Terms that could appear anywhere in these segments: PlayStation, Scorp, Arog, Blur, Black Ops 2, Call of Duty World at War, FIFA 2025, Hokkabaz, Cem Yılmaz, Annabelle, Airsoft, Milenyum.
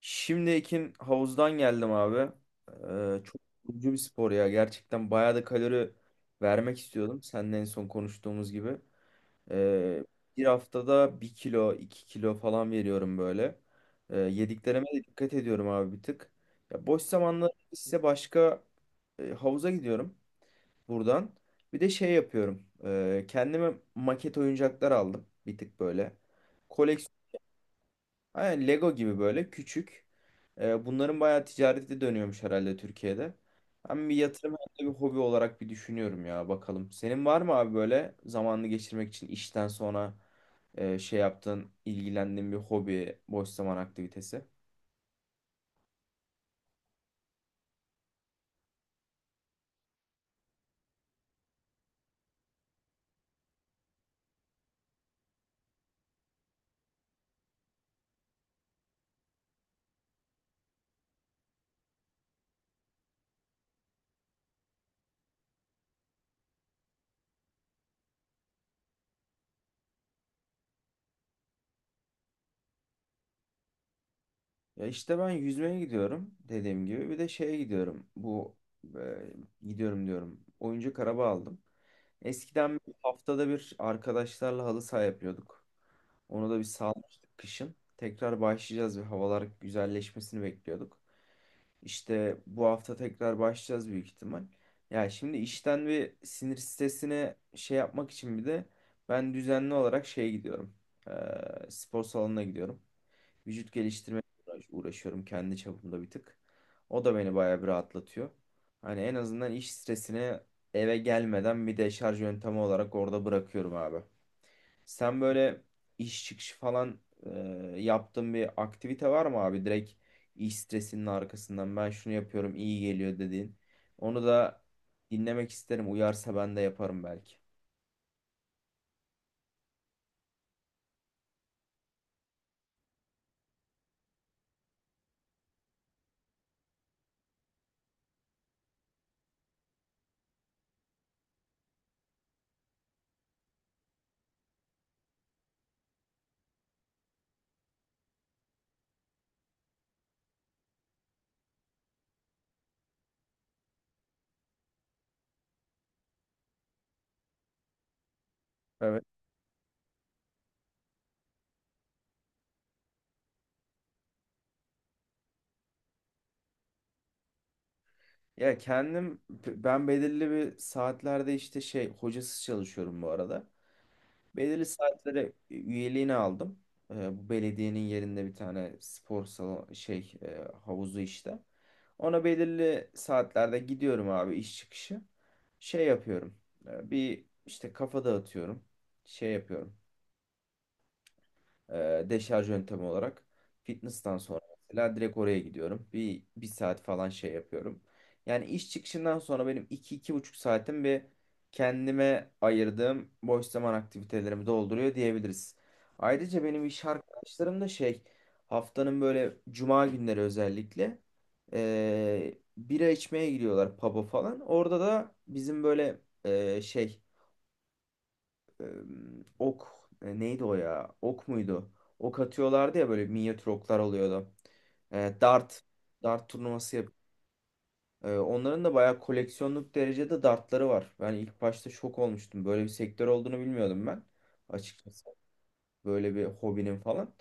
Şimdi Ekin havuzdan geldim abi. Çok yorucu bir spor ya. Gerçekten bayağı da kalori vermek istiyordum. Seninle en son konuştuğumuz gibi. Ee, bir haftada bir kilo, 2 kilo falan veriyorum böyle. Yediklerime de dikkat ediyorum abi bir tık. Ya boş zamanlarımda ise başka havuza gidiyorum buradan. Bir de şey yapıyorum. Kendime maket oyuncaklar aldım bir tık böyle. Aynen Lego gibi böyle küçük. Bunların bayağı ticareti dönüyormuş herhalde Türkiye'de. Ben bir yatırım hem de bir hobi olarak bir düşünüyorum ya bakalım. Senin var mı abi böyle zamanını geçirmek için işten sonra şey yaptığın, ilgilendiğin bir hobi, boş zaman aktivitesi? Ya işte ben yüzmeye gidiyorum dediğim gibi. Bir de şeye gidiyorum. Bu gidiyorum diyorum. Oyuncak araba aldım. Eskiden haftada bir arkadaşlarla halı saha yapıyorduk. Onu da bir salmıştık kışın. Tekrar başlayacağız ve havalar güzelleşmesini bekliyorduk. İşte bu hafta tekrar başlayacağız büyük ihtimal. Ya şimdi işten ve sinir stresine şey yapmak için bir de ben düzenli olarak şeye gidiyorum. Ee, spor salonuna gidiyorum. Vücut geliştirme uğraşıyorum kendi çapımda bir tık. O da beni bayağı bir rahatlatıyor. Hani en azından iş stresini eve gelmeden bir de şarj yöntemi olarak orada bırakıyorum abi. Sen böyle iş çıkışı falan e, yaptığın bir aktivite var mı abi? Direkt iş stresinin arkasından ben şunu yapıyorum iyi geliyor dediğin. Onu da dinlemek isterim. Uyarsa ben de yaparım belki. Evet. Ya kendim ben belirli bir saatlerde işte şey hocasız çalışıyorum bu arada. Belirli saatlere üyeliğini aldım. Bu belediyenin yerinde bir tane spor salonu şey havuzu işte. Ona belirli saatlerde gidiyorum abi iş çıkışı. Şey yapıyorum. Bir işte kafa dağıtıyorum. Şey yapıyorum deşarj yöntemi olarak fitness'tan sonra mesela direkt oraya gidiyorum. Bir saat falan şey yapıyorum. Yani iş çıkışından sonra benim iki iki buçuk saatim bir kendime ayırdığım boş zaman aktivitelerimi dolduruyor diyebiliriz. Ayrıca benim iş arkadaşlarım da şey haftanın böyle cuma günleri özellikle bira içmeye gidiyorlar pub'a falan. Orada da bizim böyle şey e, ok neydi o ya? Ok muydu? Ok atıyorlardı ya böyle minyatür oklar oluyordu. E, dart dart turnuvası yap. Onların da bayağı koleksiyonluk derecede dartları var. Ben ilk başta şok olmuştum. Böyle bir sektör olduğunu bilmiyordum ben. Açıkçası böyle bir hobinin falan.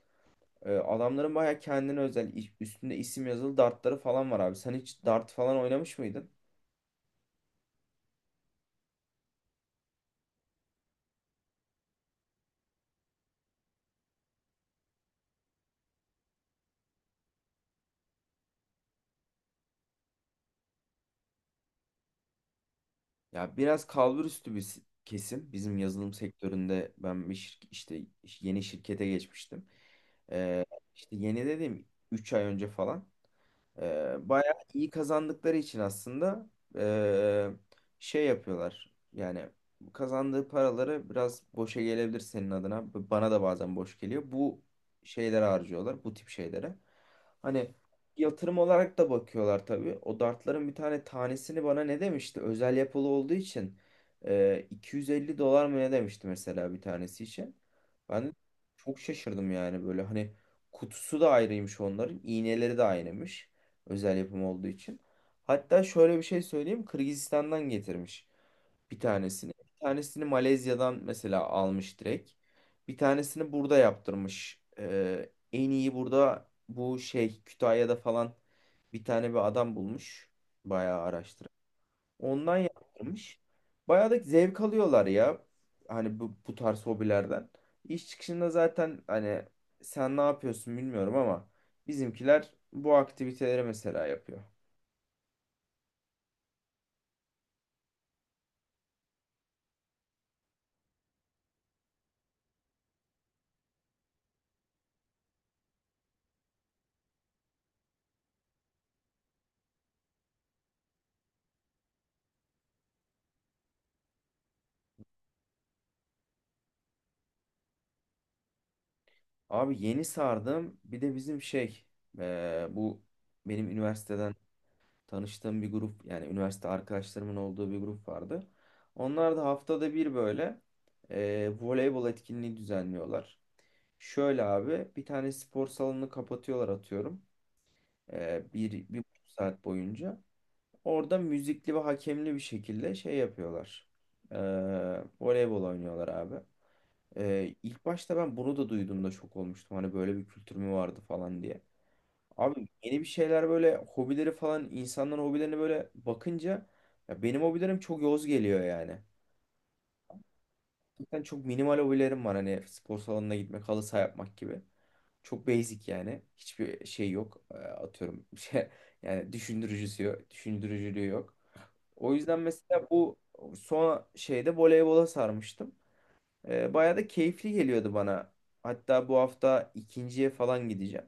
Adamların bayağı kendine özel üstünde isim yazılı dartları falan var abi. Sen hiç dart falan oynamış mıydın? Ya biraz kalbur üstü bir kesim. Bizim yazılım sektöründe ben bir işte yeni şirkete geçmiştim. Ee, işte yeni dedim 3 ay önce falan. Bayağı iyi kazandıkları için aslında ee, şey yapıyorlar. Yani kazandığı paraları biraz boşa gelebilir senin adına. Bana da bazen boş geliyor. Bu şeylere harcıyorlar, bu tip şeylere. Hani yatırım olarak da bakıyorlar tabii. O dartların bir tane tanesini bana ne demişti? Özel yapılı olduğu için $250 mı ne demişti mesela bir tanesi için. Ben de çok şaşırdım yani böyle hani kutusu da ayrıymış onların, iğneleri de aynıymış. Özel yapım olduğu için. Hatta şöyle bir şey söyleyeyim. Kırgızistan'dan getirmiş bir tanesini. Bir tanesini Malezya'dan mesela almış direkt. Bir tanesini burada yaptırmış. En iyi burada bu şey Kütahya'da falan bir tane bir adam bulmuş. Bayağı araştırıp. Ondan yaptırmış. Bayağı da zevk alıyorlar ya. Hani bu tarz hobilerden. İş çıkışında zaten hani sen ne yapıyorsun bilmiyorum ama bizimkiler bu aktiviteleri mesela yapıyor. Abi yeni sardım. Bir de bizim şey bu benim üniversiteden tanıştığım bir grup yani üniversite arkadaşlarımın olduğu bir grup vardı. Onlar da haftada bir böyle voleybol etkinliği düzenliyorlar. Şöyle abi bir tane spor salonunu kapatıyorlar atıyorum. Bir, bir buçuk saat boyunca. Orada müzikli ve hakemli bir şekilde şey yapıyorlar. Eee voleybol oynuyorlar abi. İlk başta ben bunu da duyduğumda şok olmuştum. Hani böyle bir kültür mü vardı falan diye. Abi yeni bir şeyler böyle hobileri falan insanların hobilerine böyle bakınca ya benim hobilerim çok yoz geliyor yani. Gerçekten çok minimal hobilerim var hani spor salonuna gitmek, halı saha yapmak gibi. Çok basic yani. Hiçbir şey yok. Atıyorum şey yani düşündürücüsü yok, düşündürücülüğü yok. O yüzden mesela bu son şeyde voleybola sarmıştım. Bayağı da keyifli geliyordu bana. Hatta bu hafta ikinciye falan gideceğim.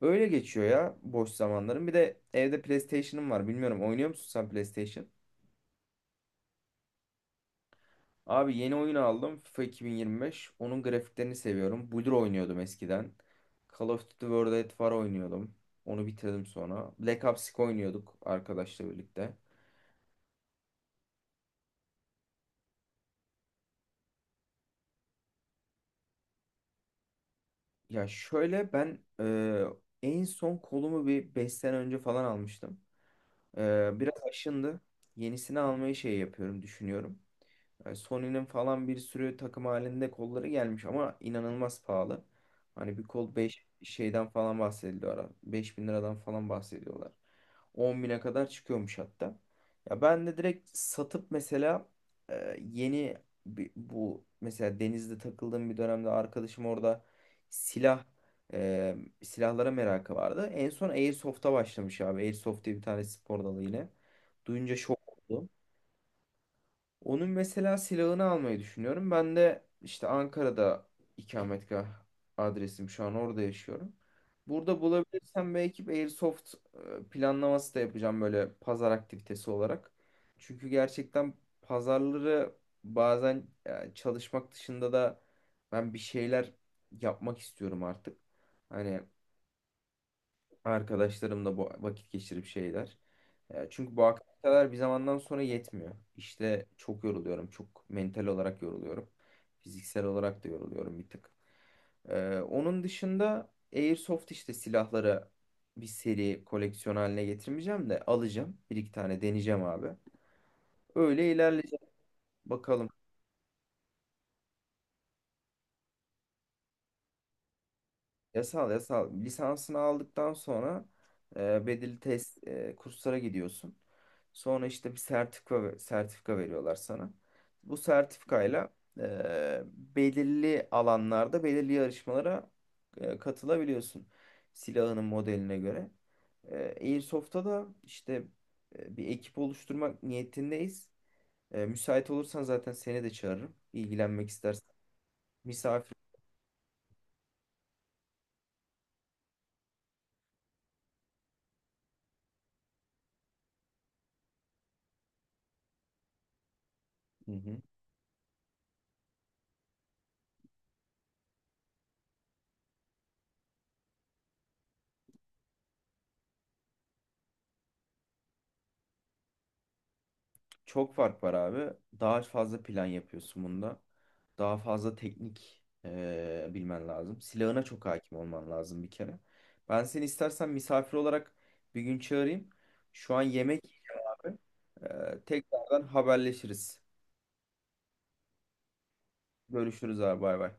Öyle geçiyor ya boş zamanlarım. Bir de evde PlayStation'ım var. Bilmiyorum oynuyor musun sen PlayStation? Abi yeni oyun aldım FIFA 2025. Onun grafiklerini seviyorum. Blur oynuyordum eskiden. Call of Duty World at War oynuyordum. Onu bitirdim sonra. Black Ops 2 oynuyorduk arkadaşla birlikte. Ya şöyle ben en son kolumu bir 5 sene önce falan almıştım. Biraz aşındı. Yenisini almayı şey yapıyorum, düşünüyorum. Yani Sony'nin falan bir sürü takım halinde kolları gelmiş ama inanılmaz pahalı. Hani bir kol 5 şeyden falan bahsediliyor ara. 5.000 liradan falan bahsediyorlar. 10 bine kadar çıkıyormuş hatta. Ya ben de direkt satıp mesela yeni bu mesela denizde takıldığım bir dönemde arkadaşım orada silah e, silahlara merakı vardı. En son Airsoft'a başlamış abi. Airsoft diye bir tane spor dalı yine. Duyunca şok oldum. Onun mesela silahını almayı düşünüyorum. Ben de işte Ankara'da ikametgah adresim şu an orada yaşıyorum. Burada bulabilirsem belki bir Airsoft planlaması da yapacağım böyle pazar aktivitesi olarak. Çünkü gerçekten pazarları bazen çalışmak dışında da ben bir şeyler yapmak istiyorum artık. Hani arkadaşlarımla bu vakit geçirip şeyler. Çünkü bu aktiviteler bir zamandan sonra yetmiyor. İşte çok yoruluyorum. Çok mental olarak yoruluyorum. Fiziksel olarak da yoruluyorum bir tık. Onun dışında Airsoft işte silahları bir seri koleksiyon haline getirmeyeceğim de alacağım. Bir iki tane deneyeceğim abi. Öyle ilerleyeceğim. Bakalım. Yasal lisansını aldıktan sonra bedeli test kurslara gidiyorsun. Sonra işte bir sertifika veriyorlar sana. Bu sertifikayla e, belirli alanlarda belirli yarışmalara katılabiliyorsun. Silahının modeline göre. Airsoft'ta da işte bir ekip oluşturmak niyetindeyiz. Müsait olursan zaten seni de çağırırım. İlgilenmek istersen. Misafir. Hı hı. Çok fark var abi. Daha fazla plan yapıyorsun bunda. Daha fazla teknik bilmen lazım. Silahına çok hakim olman lazım bir kere. Ben seni istersen misafir olarak bir gün çağırayım. Şu an yemek. Tekrardan haberleşiriz. Görüşürüz abi bay bay.